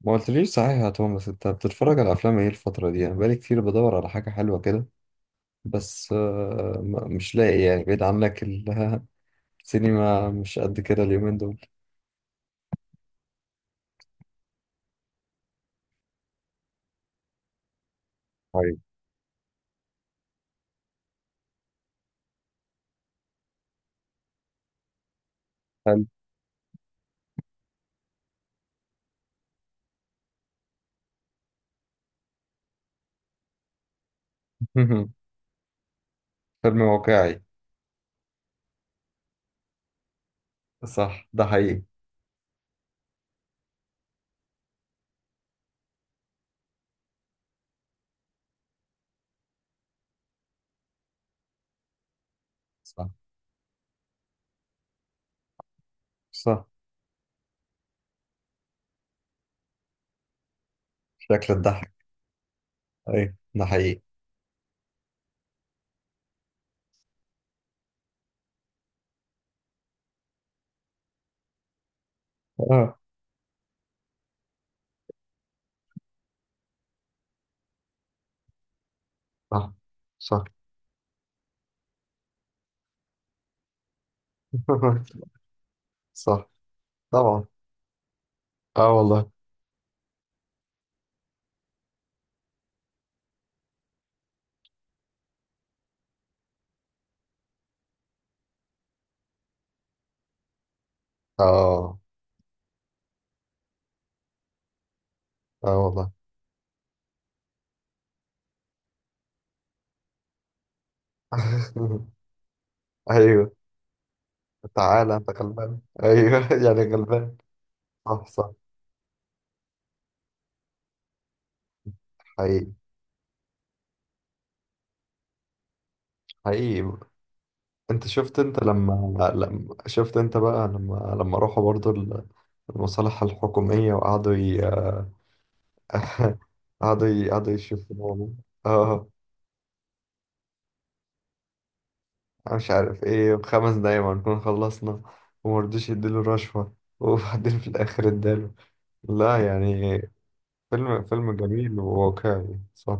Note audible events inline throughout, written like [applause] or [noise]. ما قلتليش صحيح يا توماس، انت بتتفرج على افلام ايه الفترة دي؟ انا بقالي كتير بدور على حاجة حلوة كده. بس مش لاقي يعني، بعيد عنك [laughs] السينما مش قد كده اليومين دول. طيب. حلو. [laughs] فيلم واقعي. صح، ده حقيقي. صح، صح. شكل الضحك. ايوه، ده حقيقي. اه، صح، صح. [laughs] صح، طبعا. اه والله. اه. اه والله. [laughs] ايوه. تعالى انت غلبان، ايوه، [laughs] يعني غلبان. صح، صح. حقيقي، حقيقي. انت شفت، انت لما شفت، انت بقى لما راحوا برضو المصالح الحكومية، وقعدوا [laughs] قعدوا قعدوا يشوفوا. اه. انا مش عارف ايه، بخمس دقايق ما نكون خلصنا. ومرضوش يديله رشوة. [laughs] وبعدين في الاخر اداله. لا يعني، فيلم جميل وواقعي، صح.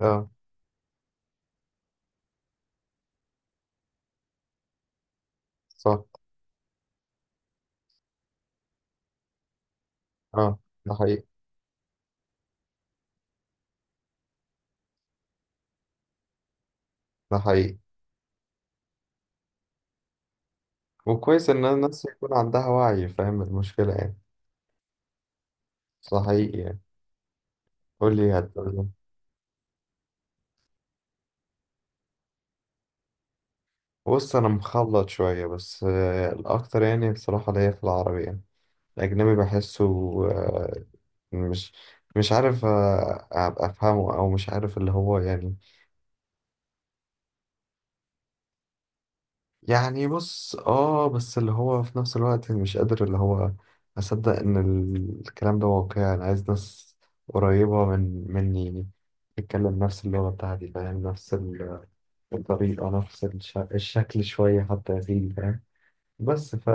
اه، صح. اه، ده حقيقي، ده حقيقي. وكويس ان الناس يكون عندها وعي، فاهم المشكلة يعني. صحيح يعني. قول لي، هتقول لي. بص، انا مخلط شويه، بس الاكتر يعني بصراحه اللي هي في العربي يعني. الاجنبي بحسه آه، مش مش عارف ابقى افهمه او مش عارف اللي هو يعني. يعني بص، اه، بس اللي هو في نفس الوقت مش قادر اللي هو اصدق ان الكلام ده واقعي. انا عايز ناس قريبه مني يعني، تتكلم نفس اللغه بتاعتي، فاهم نفس الطريقه، نفس الشكل شويه حتى، يا سيدي فاهم. بس.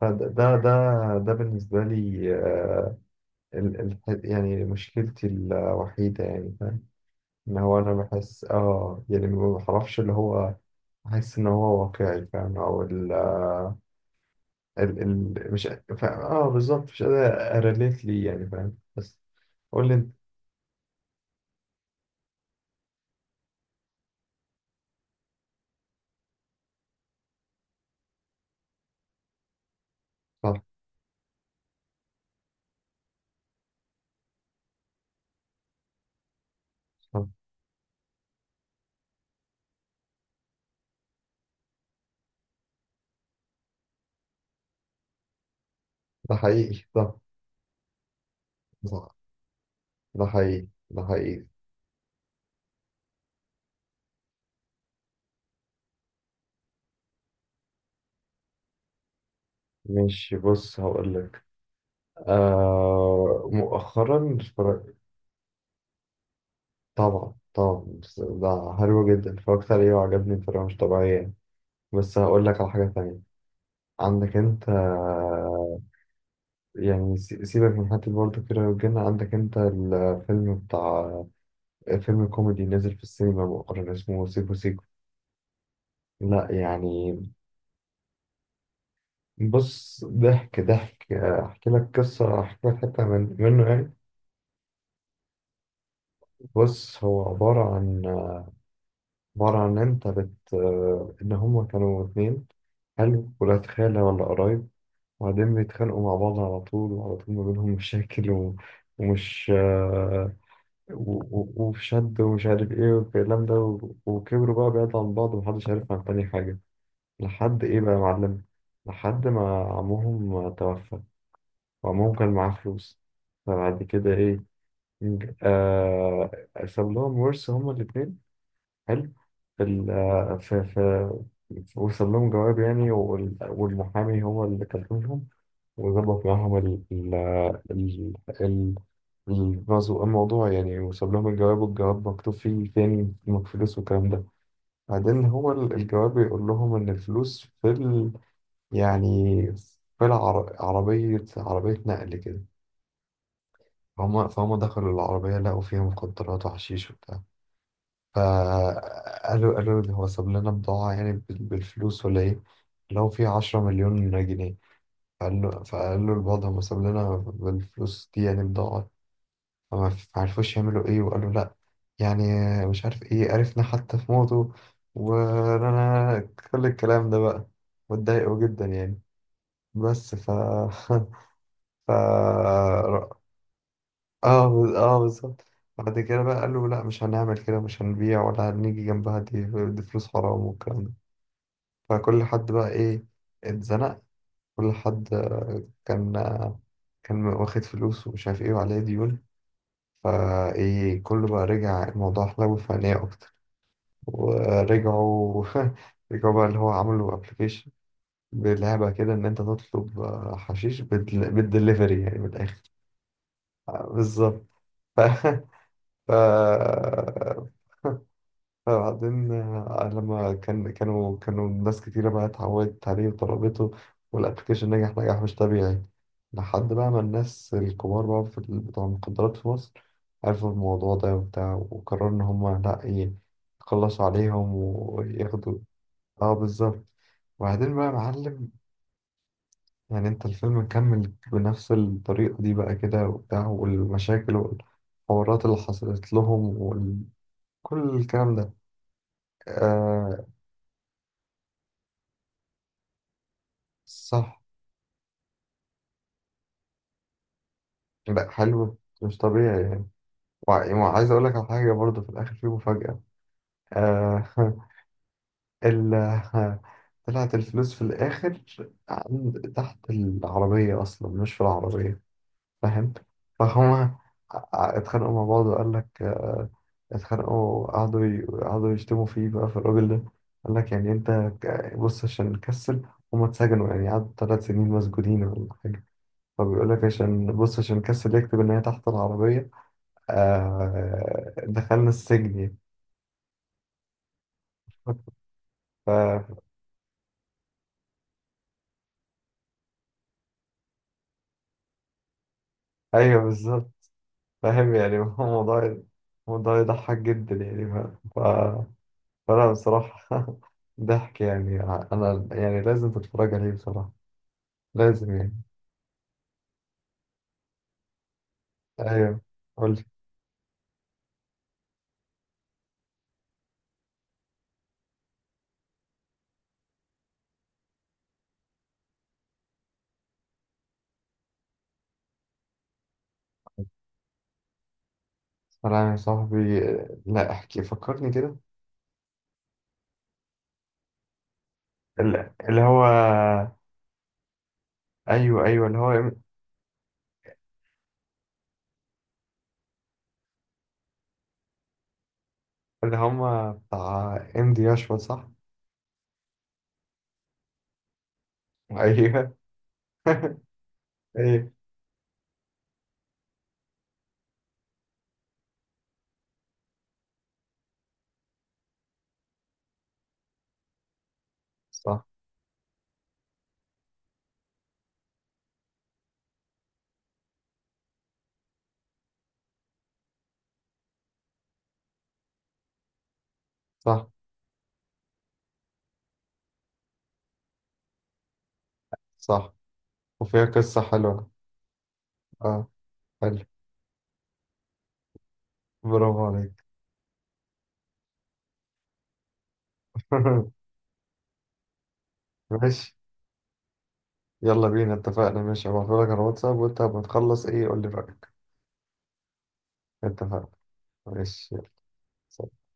فده ده ده ده بالنسبة لي آه، ال ال يعني مشكلتي الوحيدة، يعني فاهم إن هو أنا بحس، يعني ما بعرفش اللي هو. بحس إن هو واقعي، فاهم؟ أو ال آه، ال ال مش فاهم، بالظبط. مش قادر أريليت ليه، يعني فاهم. بس قول لي أنت. صح، صح. ده حقيقي. صح، صح. ده حقيقي، ده حقيقي. ماشي، بص هقول لك. مؤخرا طبعا، طبعا. بس ده حلو جدا، اتفرجت عليه وعجبني بطريقة مش طبيعية يعني. بس هقول لك على حاجة تانية. عندك انت يعني سيبك من حتة برضه كده والجن، عندك انت الفيلم بتاع فيلم كوميدي نزل في السينما مؤخرا، اسمه سيكو سيكو. لا يعني. بص، ضحك ضحك احكي لك قصة، احكي لك حتة منه يعني. بص، هو عبارة عن انت بت آه، ان هما كانوا اتنين. حلو. ولاد خالة ولا قرايب. وبعدين بيتخانقوا مع بعض على طول، وعلى طول ما بينهم مشاكل و... ومش آه، و... و... وفي شد ومش عارف ايه والكلام ده، وكبروا بقى بعيد عن بعض، ومحدش عارف عن تاني حاجة. لحد ايه بقى يا معلم، لحد ما عمهم توفى. وعمهم كان معاه فلوس. فبعد كده ايه؟ نج- آه... ساب لهم ورث هما الاتنين. حلو. في ال... آه، في في وصل لهم جواب يعني، والمحامي هو اللي كلمهم. وظبط معاهم ال ال ال ال الرزق الموضوع يعني. وساب لهم الجواب، والجواب مكتوب فيه فين الفلوس والكلام ده. بعدين هو الجواب يقول لهم إن الفلوس في ال يعني في العر- عربية، عربية نقل كده. فهم دخلوا العربية لقوا فيها مخدرات وحشيش وبتاع. فقالوا ده هو ساب لنا بضاعة يعني، بالفلوس ولا إيه؟ لو في 10 مليون جنيه. فقال له الوضع، ما ساب لنا بالفلوس دي، يعني بضاعة. فما عرفوش يعملوا ايه، وقالوا لا يعني، مش عارف ايه، عرفنا حتى في موته، وانا كل الكلام ده بقى. واتضايقوا جدا يعني. بس. [laughs] اه، اه بالظبط. بعد كده بقى قالوا لا، مش هنعمل كده، مش هنبيع ولا هنيجي جنبها دي. دي فلوس حرام والكلام ده. فكل حد بقى ايه؟ اتزنق. كل حد كان كان واخد فلوس ومش عارف ايه وعليه ديون. فايه كله بقى؟ رجع الموضوع حلو فنية أكتر، ورجعوا. [laughs] رجعوا بقى، اللي هو عملوا ابلكيشن بلعبة كده، ان انت تطلب حشيش بالدليفري يعني من الاخر. بالظبط. ف... [laughs] ف... فبعدين لما كانوا ناس كتيرة بقى اتعودت عليه وطلبته. والابلكيشن نجح نجاح مش طبيعي، لحد بقى ما الناس الكبار بقى في بتوع المخدرات في مصر عرفوا الموضوع ده وبتاع، وقرروا إن هما لأ إيه، يخلصوا عليهم وياخدوا. اه بالظبط. وبعدين بقى يا معلم، يعني انت الفيلم مكمل بنفس الطريقة دي بقى كده وبتاع، والمشاكل والحوارات اللي حصلت لهم وكل الكلام ده. آه صح. لا، حلو مش طبيعي يعني. وعايز اقول لك على حاجة برضه، في الاخر في مفاجأة. آه [laughs] ال طلعت الفلوس في الاخر، عند تحت العربية اصلا، مش في العربية، فاهم؟ فهما اتخانقوا مع بعض، وقال لك اتخانقوا، قعدوا قعدوا يشتموا فيه بقى في الراجل ده. قال لك يعني انت بص عشان نكسل، هما اتسجنوا يعني، قعدوا 3 سنين مسجونين ولا حاجة. فبيقول لك عشان بص، عشان كسل يكتب ان هي تحت العربية، دخلنا السجن يعني. ف... ايوه بالظبط. فاهم يعني. [laughs] هو موضوع يضحك جدا يعني. ف... ف... فلا بصراحة. [laughs] ضحك يعني. أنا يعني لازم تتفرج عليه بصراحة، لازم يعني. أيوه، قول لي. سلام يا صاحبي. لا، احكي فكرني كده. اللي هو، أيوه، أيوه، اللي هو اللي هما بتاع إم دي أشوا، صح؟ أيوه. [laughs] أيوه، صح، صح، صح. وفيها قصة حلوة. أه. حلو، برافو عليك. [laughs] ماشي، يلا بينا، اتفقنا. ماشي، هبعتلك على الواتساب، وأنت لما تخلص إيه قول لي رأيك. اتفقنا، ماشي، يلا.